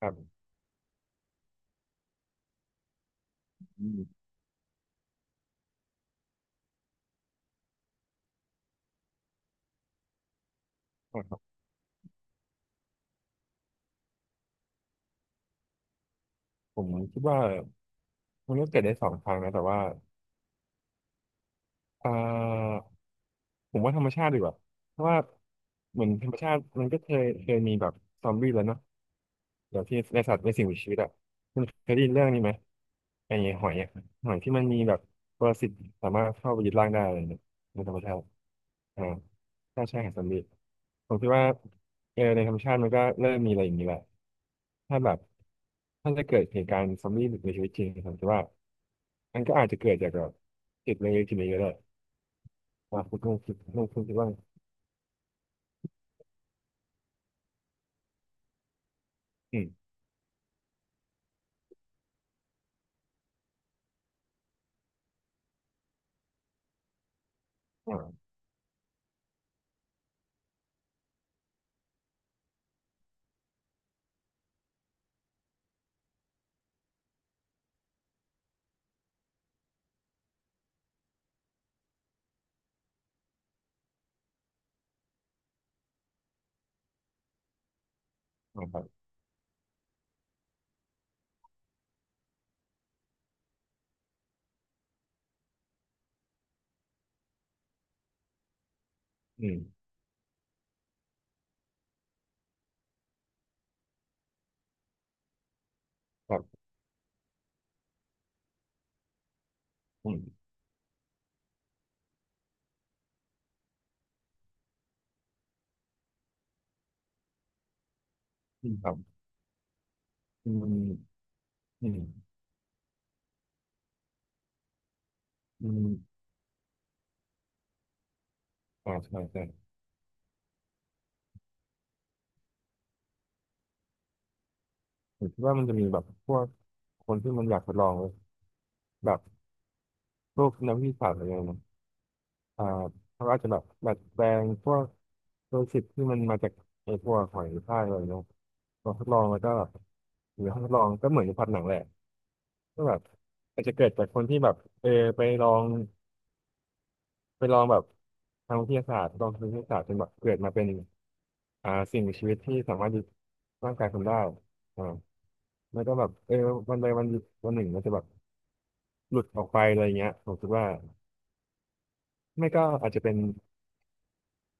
ครับอืมครับผมคิดว่ามันก็เกิดได้สองทางนะแต่ว่าเอ่อผมว่าธรรมชาติดีกว่าเพราะว่าเหมือนธรรมชาติมันก็เคยมีแบบซอมบี้แล้วเนาะแบบที่ในสัตว์ในสิ่งมีชีวิตอ่ะคุณเคยได้ยินเรื่องนี้ไหมไอ้หอยอะหอยที่มันมีแบบปรสิตสามารถเข้าไปยึดร่างได้อะไรเนี่ยในธรรมชาติอ่าถ้าใช่หาซอมบี้ผมคิดว่าเออในธรรมชาติมันก็เริ่มมีอะไรอย่างนี้แหละถ้าแบบถ้าจะเกิดเหตุการณ์ซอมบี้ในชีวิตจริงผมคิดว่า มันก็อาจจะเกิดจากแบบจิตเล็กๆทีนี้ก็ได้ว่าคุณต้องคิดต้องคิดว่าอืมอ่าอ่าครับอืมครับอืมอืมครับอืมอืมอืมอ่าใช่ใช่ผมคิดว่ามันจะมีแบบพวกคนที่มันอยากทดลองแบบพวกนักวิทยาศาสตร์อะไรเงี้ยนะอ่าเขาอาจจะแบบดัดแปลงพวกตัวสิบที่มันมาจากไอ้พวกหอยทากอะไรเนาะลองทดลองแล้วก็แบบหรือห้องทดลองก็เหมือนในพล็อตหนังแหละก็แบบอาจจะเกิดจากคนที่แบบเออไปลอง ไปลองแบบทางวิทยาศาสตร์ลองทางวิทยาศาสตร์จนแบบเกิดมาเป็นอ่าสิ่งมีชีวิตที่สามารถยึดร่างกายคนได้อ่าแล้วก็แบบเออวันใดวันหนึ่งมันจะแบบหลุดออกไปอะไรเงี้ยผมคิดว่าไม่ก็อาจจะเป็น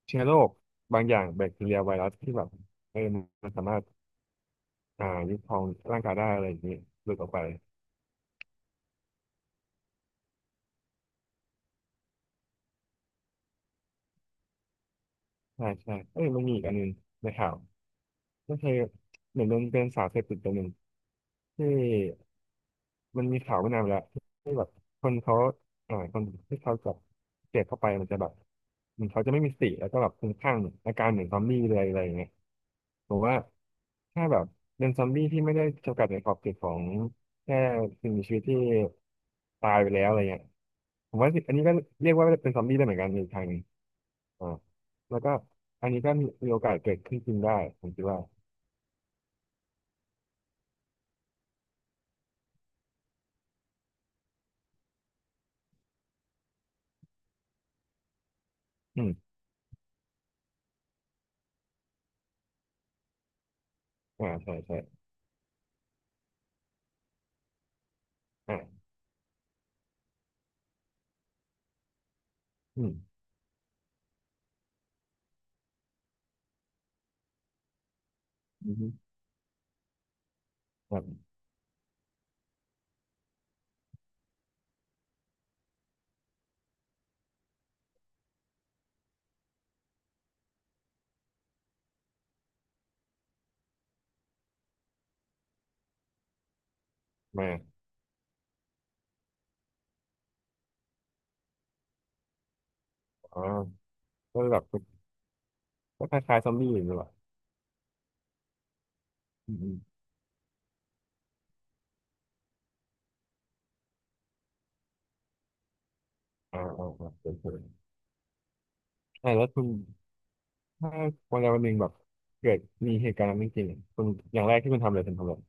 เชื้อโรคบางอย่างแบคทีเรียไวรัสที่แบบเออมันสามารถอ่ายึดครองร่างกายได้อะไรอย่างนี้หลุดออกไปใช่ใช่เอ้ยมันมีอีกอันหนึงในข่าวก็คือเหมือนมันเป็นสารเสพติดตัวหนึ่งที่ มันมีข่าวไม่นานมาแล้วที่แบบคนเขาอ่าคนที่เขาจับเสพเข้าไปมันจะแบบมันเขาจะไม่มีสติแล้วก็แบบคลุ้มคลั่งอาการเหมือนซอมบี้เลยอะไรอย่างเงี้ยผมว่าถ้าแบบเป็นซอมบี้ที่ไม่ได้จำกัดในขอบเขตของแค่สิ่งมีชีวิตที่ตายไปแล้วอะไรเงี้ยผมว่าอันนี้ก็เรียกว่าเป็นซอมบี้ได้เหมือนกันในทางหนึงอ่าแล้วก็อันนี้ก็มีโอกาสเกิดขึ้นจริงได้ผมคิดว่าอืมอ่าใช่ใช่อ่าอืมอืมครับมาอ๋อก็แบบ ก็คล้ายๆซอมบี้อยู่ดีกว่าอืมอืมอ่าอ่าอ่าเฉยๆใต่แล้วคุณถ้าวันใดวันหนึ่งแบบเกิดมีเหตุการณ์นั้นจริงๆอะคุณอย่างแรกที่คุณทำเลยคุณทำเลย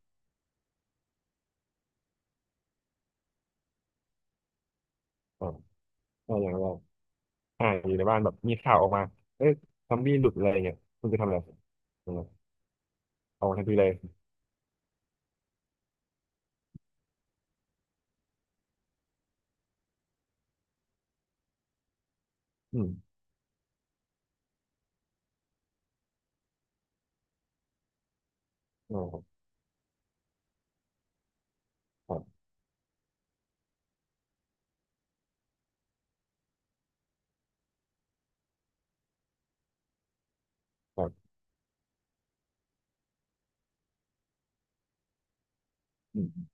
อ่าอ่อย่างแรกอ่าอยู่ในบ้านแบบมีข่าวออกมาเอ๊ะซอมบี้หลุดอะไรเงี้ยคุณจะทำอะไรอืมเอาทันทีเลยอืมอ่าครับครับอืม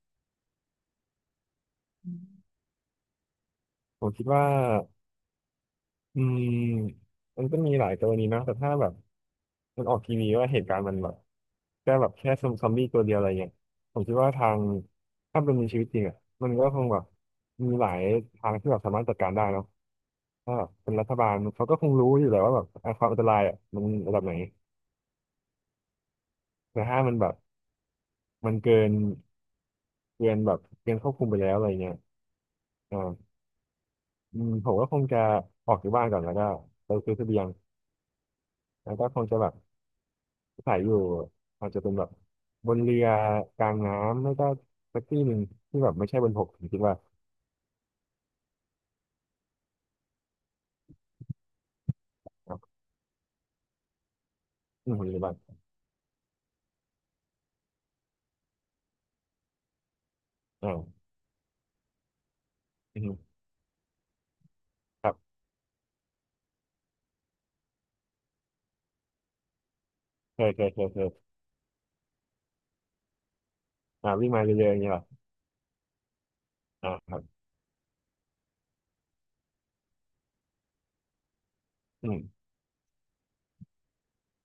ผมคิดว่าอืมมันก็มีหลายกรณีนะแต่ถ้าแบบ มันออกทีวีว่าเหตุการณ์มันแบบแค่แบบแค่ซอมบี้ตัวเดียวอะไรเงี้ยผมคิดว่าทางถ้าเป็นในชีวิตจริงอ่ะมันก็คงแบบมีหลายทางที่แบบสามารถจัดการได้เนาะถ้าแบบเป็นรัฐบาลเขาก็คงรู้อยู่แล้วว่าแบบอ่ะความอันตรายอ่ะมันระดับไหนแต่ถ้ามันแบบมันเกินเกินแบบเกินควบคุมไปแล้วอะไรเงี้ยอ่าอืมผมก็คงจะออกจากบ้านก่อนแล้วก็ไปซื้อเสบียงแล้วก็คงจะแบบ ขายอยู่อาจจะเป็นแบบบนเรือกลางน้ำไม่ก็สักที่หนึ่งที่แบบไม่ใช่บนบกผมคิดว่าอ่ะอืมหรือว่าอ่าอืมครับเคยอ่าวิ่งมาเรื่อยๆอย่างเงี้ยเหรออ่าครับอืม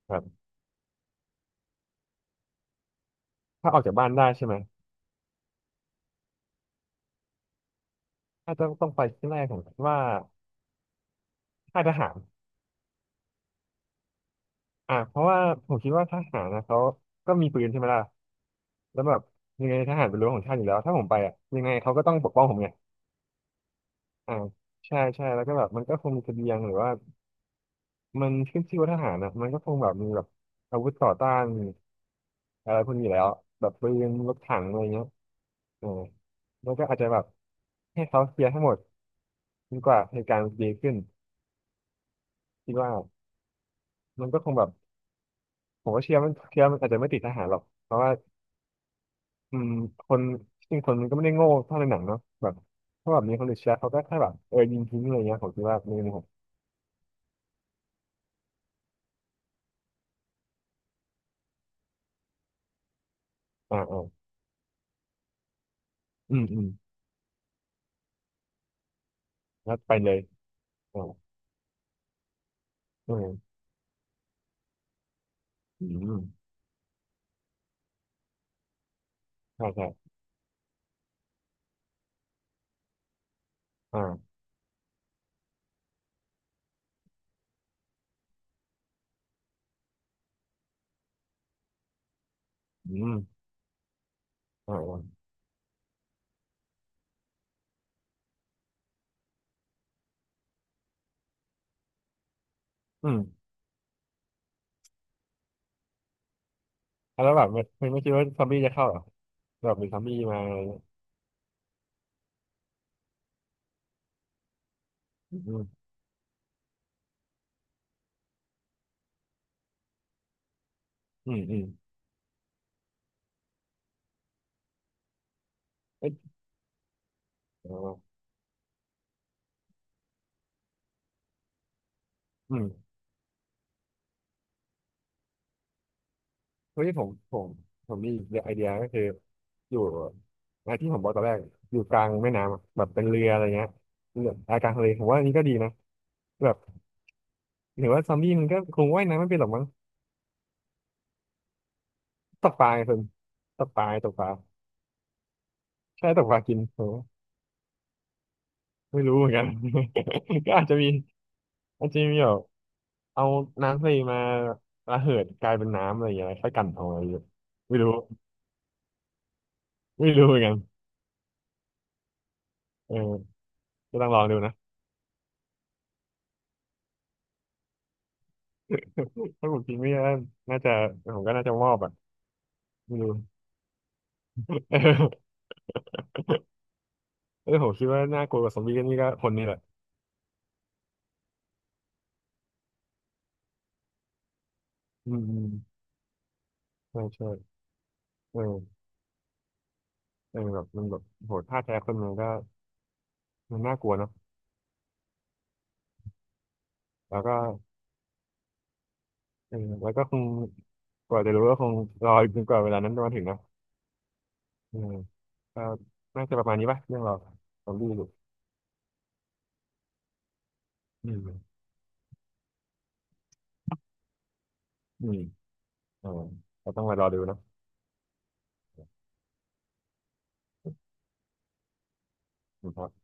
ครับถ้าออกจากบ้านได้ใช่ไหมถ้าจะต้องไปที่แรกผมคิดว่าค่ายทหารอ่าเพราะว่าผมคิดว่าทหารนะเขาก็มีปืนใช่ไหมล่ะแล้วแบบยังไงทหารเป็นรั้วของชาติอยู่แล้วถ้าผมไปอ่ะยังไงเขาก็ต้องปกป้องผมไงอ่าใช่ใช่แล้วก็แบบมันก็คงมีเสบียงหรือว่า มันขึ้นชื่อว่าทหารนะมันก็คงแบบมีแบบอาวุธต่อต้านอะไรพวกนี้อยู่แล้วแบบปืนรถถังอะไรเงี้ยเออแล้วก็อาจจะแบบให้เขาเคลียร์ให้หมดจนกว่าเหตุการณ์มันจะดีขึ้นคิดว่ามันก็คงแบบผมก็เชื่อมันอาจจะไม่ติดทหารหรอกเพราะว่าอืมคนจริงคนมันก็ไม่ได้โง่เท่าในหนังเนาะแบบถ้าแบบมีคนอื่นเชื่อเขาก็แค่แบบเออยิงทิ้งอะไรเงี้ยผมคิดว่าไม่มผมอ่าอ่าอืมอืมแล้วไปเลยอ่าอืมอืมใช่ใช่อ่าอืมอ่าอ่าอืม แล้วแบบมันไม่คิดว่าซอมบี้จะเข้าเหรอแบบมีซอมบี้มาอืมอืมอืมเอ้ยอ๋ออืมเฮ้ยผมมีไอเดียก็คืออยู่ไอที่ผมบอกตอนแรกอยู่กลางแม่น้ำอะแบบเป็นเรืออะไรเงี้ยเรืออากลางทะเลผมว่าอันนี้ก็ดีนะแบบถือว่าซอมบี้มันก็คงว่ายน้ำไม่เป็นหรอกมั้งตกปลาไงคุณตกปลาตกปลาใช่ตกปลากินผมไม่รู้เหมือนกัน ก็อาจจะมีอาจจะมีแบบ เอาน้ำทะเลมาระเหิดกลายเป็นน้ำอะไรอย่างเงี้ยค่อยกันเอาอะไรอย่างเงี้ยไม่รู้ไม่รู้เหมือนกันเออก็ต้องลองดูนะถ้าผมจริงไม่น่าน่าจะผมก็น่าจะมอบอ่ะไม่รู้ เออเออผมคิดว่าน่ากลัวกว่าซอมบี้ก็นี่ก็คนนี่แหละอืมอืมใช่ใช่เออเออแบบมันแบบโหท่าแท้คนมันก็มันน่ากลัวเนาะแล้วก็เออแล้วก็คงกว่าจะรู้ก็คงรออีกจนกว่าเวลานั้นจะมาถึงนะเออก็น่าจะประมาณนี้ป่ะเรื่องเราซอมบี้หรืออืมอืม อ่าก็ต้องมารอดูเนาะคุณพ่อ